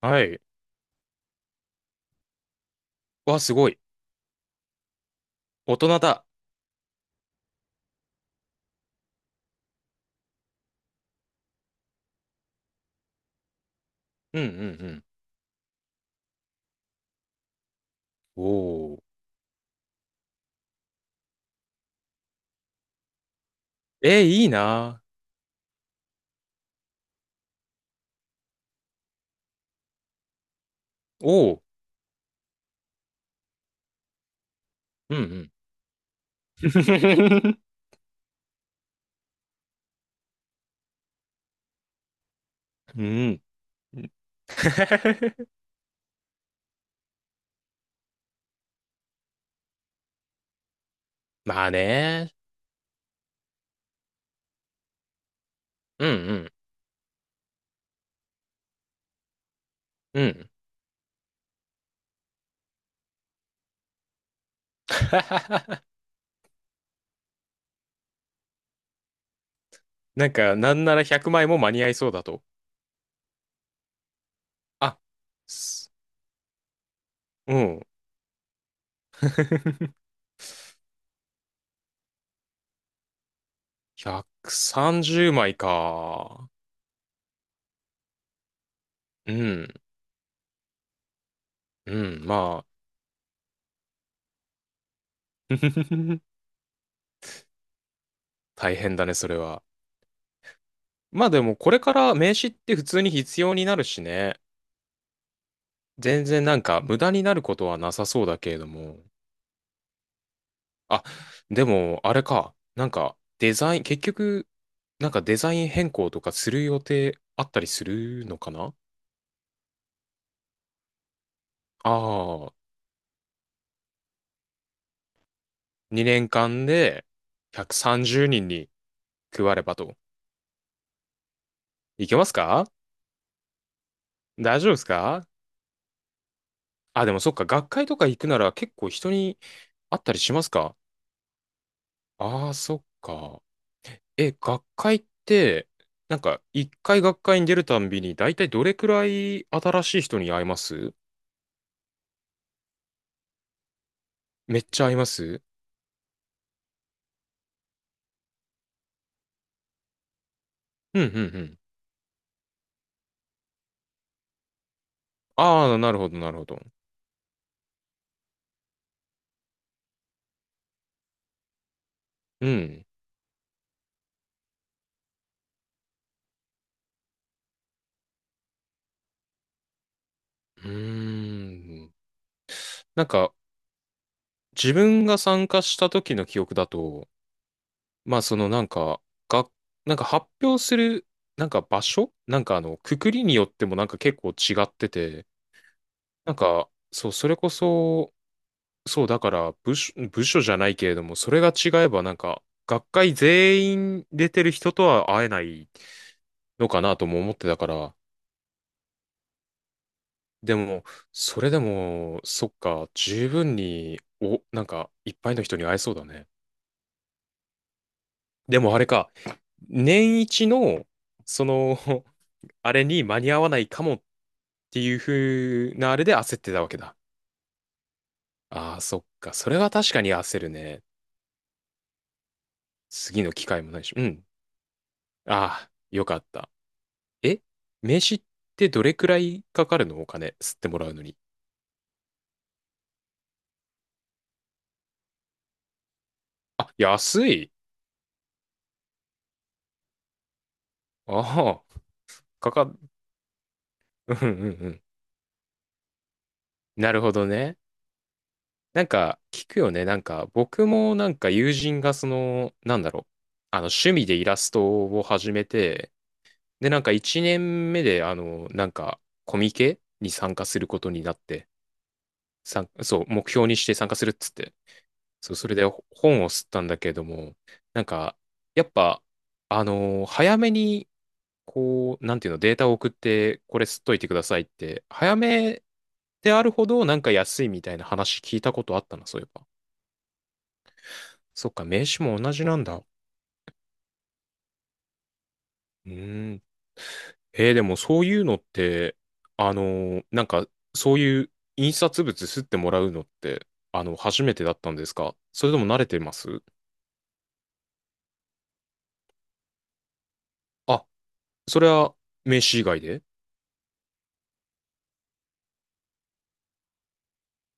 はい。わ、すごい。大人だ。うんうんうん。おー。えー、いいなー。おー。うんうん。うん。まあね。うんうん。うん。なんか、なんなら100枚も間に合いそうだと。あ、すうん。130枚か。うん。うん。まあ。大変だね、それは。まあでも、これから名刺って普通に必要になるしね。全然なんか無駄になることはなさそうだけれども。あ、でもあれか。なんかデザイン、結局、なんかデザイン変更とかする予定あったりするのかな？ああ、2年間で130人に配ればと。いけますか？大丈夫ですか？あ、でもそっか、学会とか行くなら結構人に会ったりしますか？ああー、そっか。え、学会って、なんか、一回学会に出るたんびに、だいたいどれくらい新しい人に会えます？めっちゃ会えます？うん、うん、うん。ああ、なるほど、なるほど。うん。うーん。なんか、自分が参加した時の記憶だと、まあ、その、なんか、が、なんか発表する、なんか場所なんか、あの、くくりによってもなんか結構違ってて、なんか、そう、それこそ、そう、だから部署、部署じゃないけれども、それが違えばなんか、学会全員出てる人とは会えないのかなとも思ってたから、でも、それでも、そっか、十分に、なんか、いっぱいの人に会えそうだね。でもあれか、年一の、その、あれに間に合わないかもっていう風なあれで焦ってたわけだ。ああ、そっか、それは確かに焦るね。次の機会もないし、うん。ああ、よかった。え、名刺ってどれくらいかかるの？お金、吸ってもらうのに。あ、安い。ああ、かか、うんうんうん。なるほどね。なんか、聞くよね。なんか、僕もなんか友人がその、なんだろう。あの、趣味でイラストを始めて、で、なんか1年目で、あの、なんか、コミケに参加することになって、そう、目標にして参加するっつって。そう、それで本を吸ったんだけれども、なんか、やっぱ、あの早めにこう、なんていうの、データを送って、これ吸っといてくださいって、早めであるほどなんか安いみたいな話聞いたことあったな、そういえば。そっか、名刺も同じなんだ。うーん。でもそういうのって、なんか、そういう印刷物吸ってもらうのって、あの、初めてだったんですか？それとも慣れてます？あ、それは名刺以外で？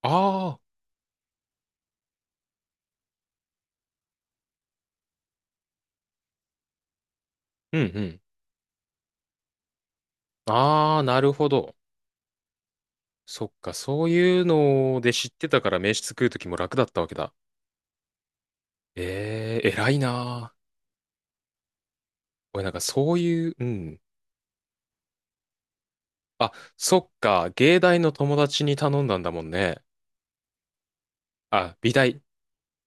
ああー、うんうん。ああ、なるほど。そっか、そういうので知ってたから名刺作るときも楽だったわけだ。ええー、偉いなぁ。俺なんかそういう、うん。あ、そっか、芸大の友達に頼んだんだもんね。あ、美大、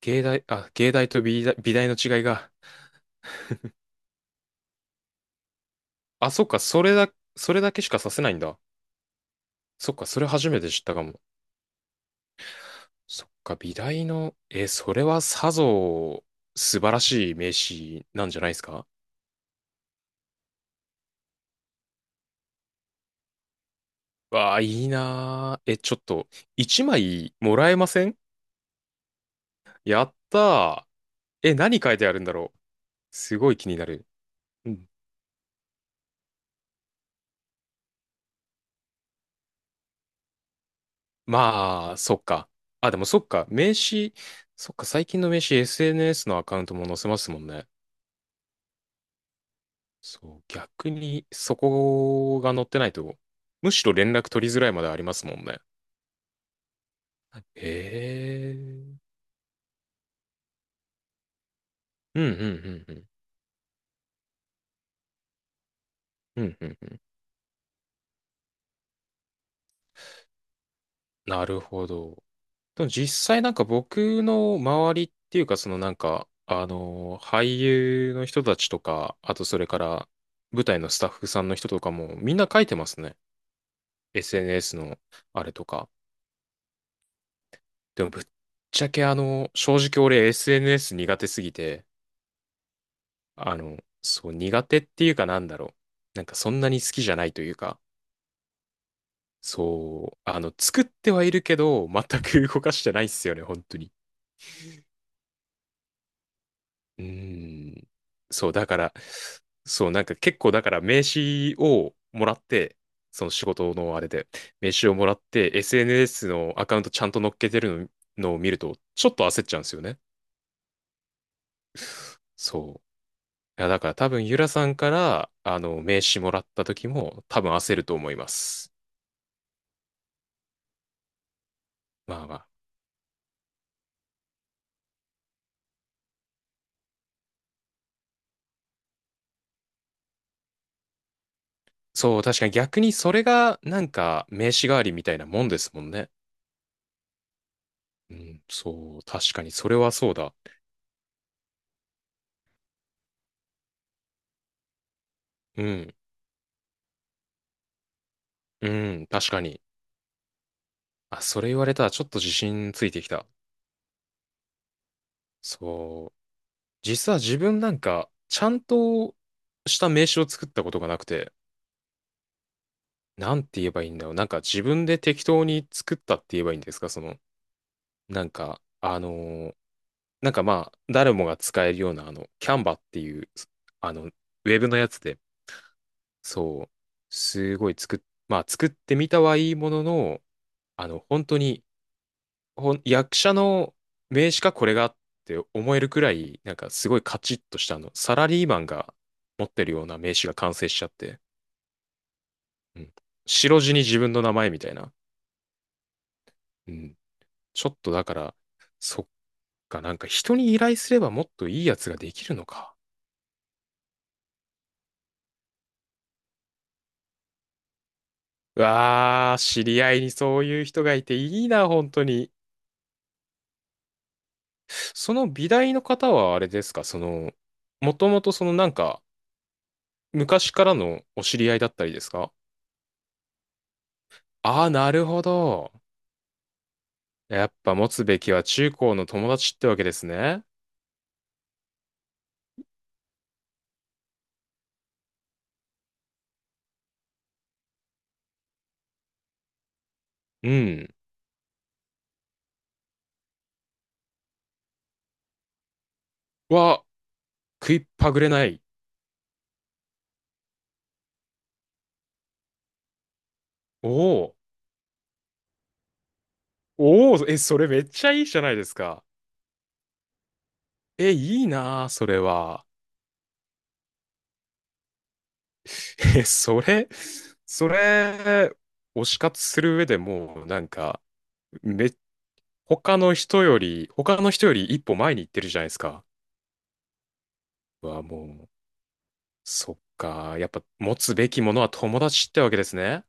芸大、あ、芸大と美大、美大の違いが。あ、そっか、それだ、それだけしかさせないんだ。そっか、それ初めて知ったかも。そっか、美大の、え、それはさぞ、素晴らしい名刺なんじゃないですか？わあ、いいなぁ。え、ちょっと、一枚もらえません？やったー。え、何書いてあるんだろう。すごい気になる。うん、まあ、そっか。あ、でもそっか。名刺、そっか、最近の名刺 SNS のアカウントも載せますもんね。そう、逆にそこが載ってないと、むしろ連絡取りづらいまでありますもんね。へえ。うんうんうんうん。うんうんうん。なるほど。でも実際なんか僕の周りっていうかそのなんか、あの俳優の人たちとか、あとそれから舞台のスタッフさんの人とかもみんな書いてますね。SNS のあれとか。でもぶっちゃけあの、正直俺 SNS 苦手すぎて、あの、そう苦手っていうかなんだろう。なんかそんなに好きじゃないというか、そう、あの、作ってはいるけど、全く動かしてないっすよね、本当に。うーん。そう、だから、そう、なんか結構だから名刺をもらって、その仕事のあれで、名刺をもらって、SNS のアカウントちゃんと乗っけてるの、を見ると、ちょっと焦っちゃうんですよね。そう。いや、だから多分、ゆらさんから、あの、名刺もらった時も、多分焦ると思います。まあまあ。そう、確かに逆にそれが、なんか、名刺代わりみたいなもんですもんね。うん、そう、確かに、それはそうだ。うん、うん、確かに。あ、それ言われたらちょっと自信ついてきた。そう。実は自分なんか、ちゃんとした名刺を作ったことがなくて、なんて言えばいいんだろう。なんか自分で適当に作ったって言えばいいんですかその、なんか、ーなんかまあ、誰もが使えるような、あの、キャンバっていう、あの、ウェブのやつで、そう、すごいまあ、作ってみたはいいものの、あの、本当に、役者の名刺かこれがって思えるくらい、なんかすごいカチッとしたあの、サラリーマンが持ってるような名刺が完成しちゃって、うん。白地に自分の名前みたいな。うん。ちょっとだから、そっか、なんか人に依頼すればもっといいやつができるのか。うわあ、知り合いにそういう人がいていいな、本当に。その美大の方はあれですか、その、もともとそのなんか、昔からのお知り合いだったりですか？ああー、なるほど。やっぱ持つべきは中高の友達ってわけですね。うん。は、食いっぱぐれない。おお。おお、え、それめっちゃいいじゃないですか。え、いいなあそれは。え、それ、それ、推し活する上でもう、なんか、め、他の人より、他の人より一歩前に行ってるじゃないですか。は、もう、そっか。やっぱ持つべきものは友達ってわけですね。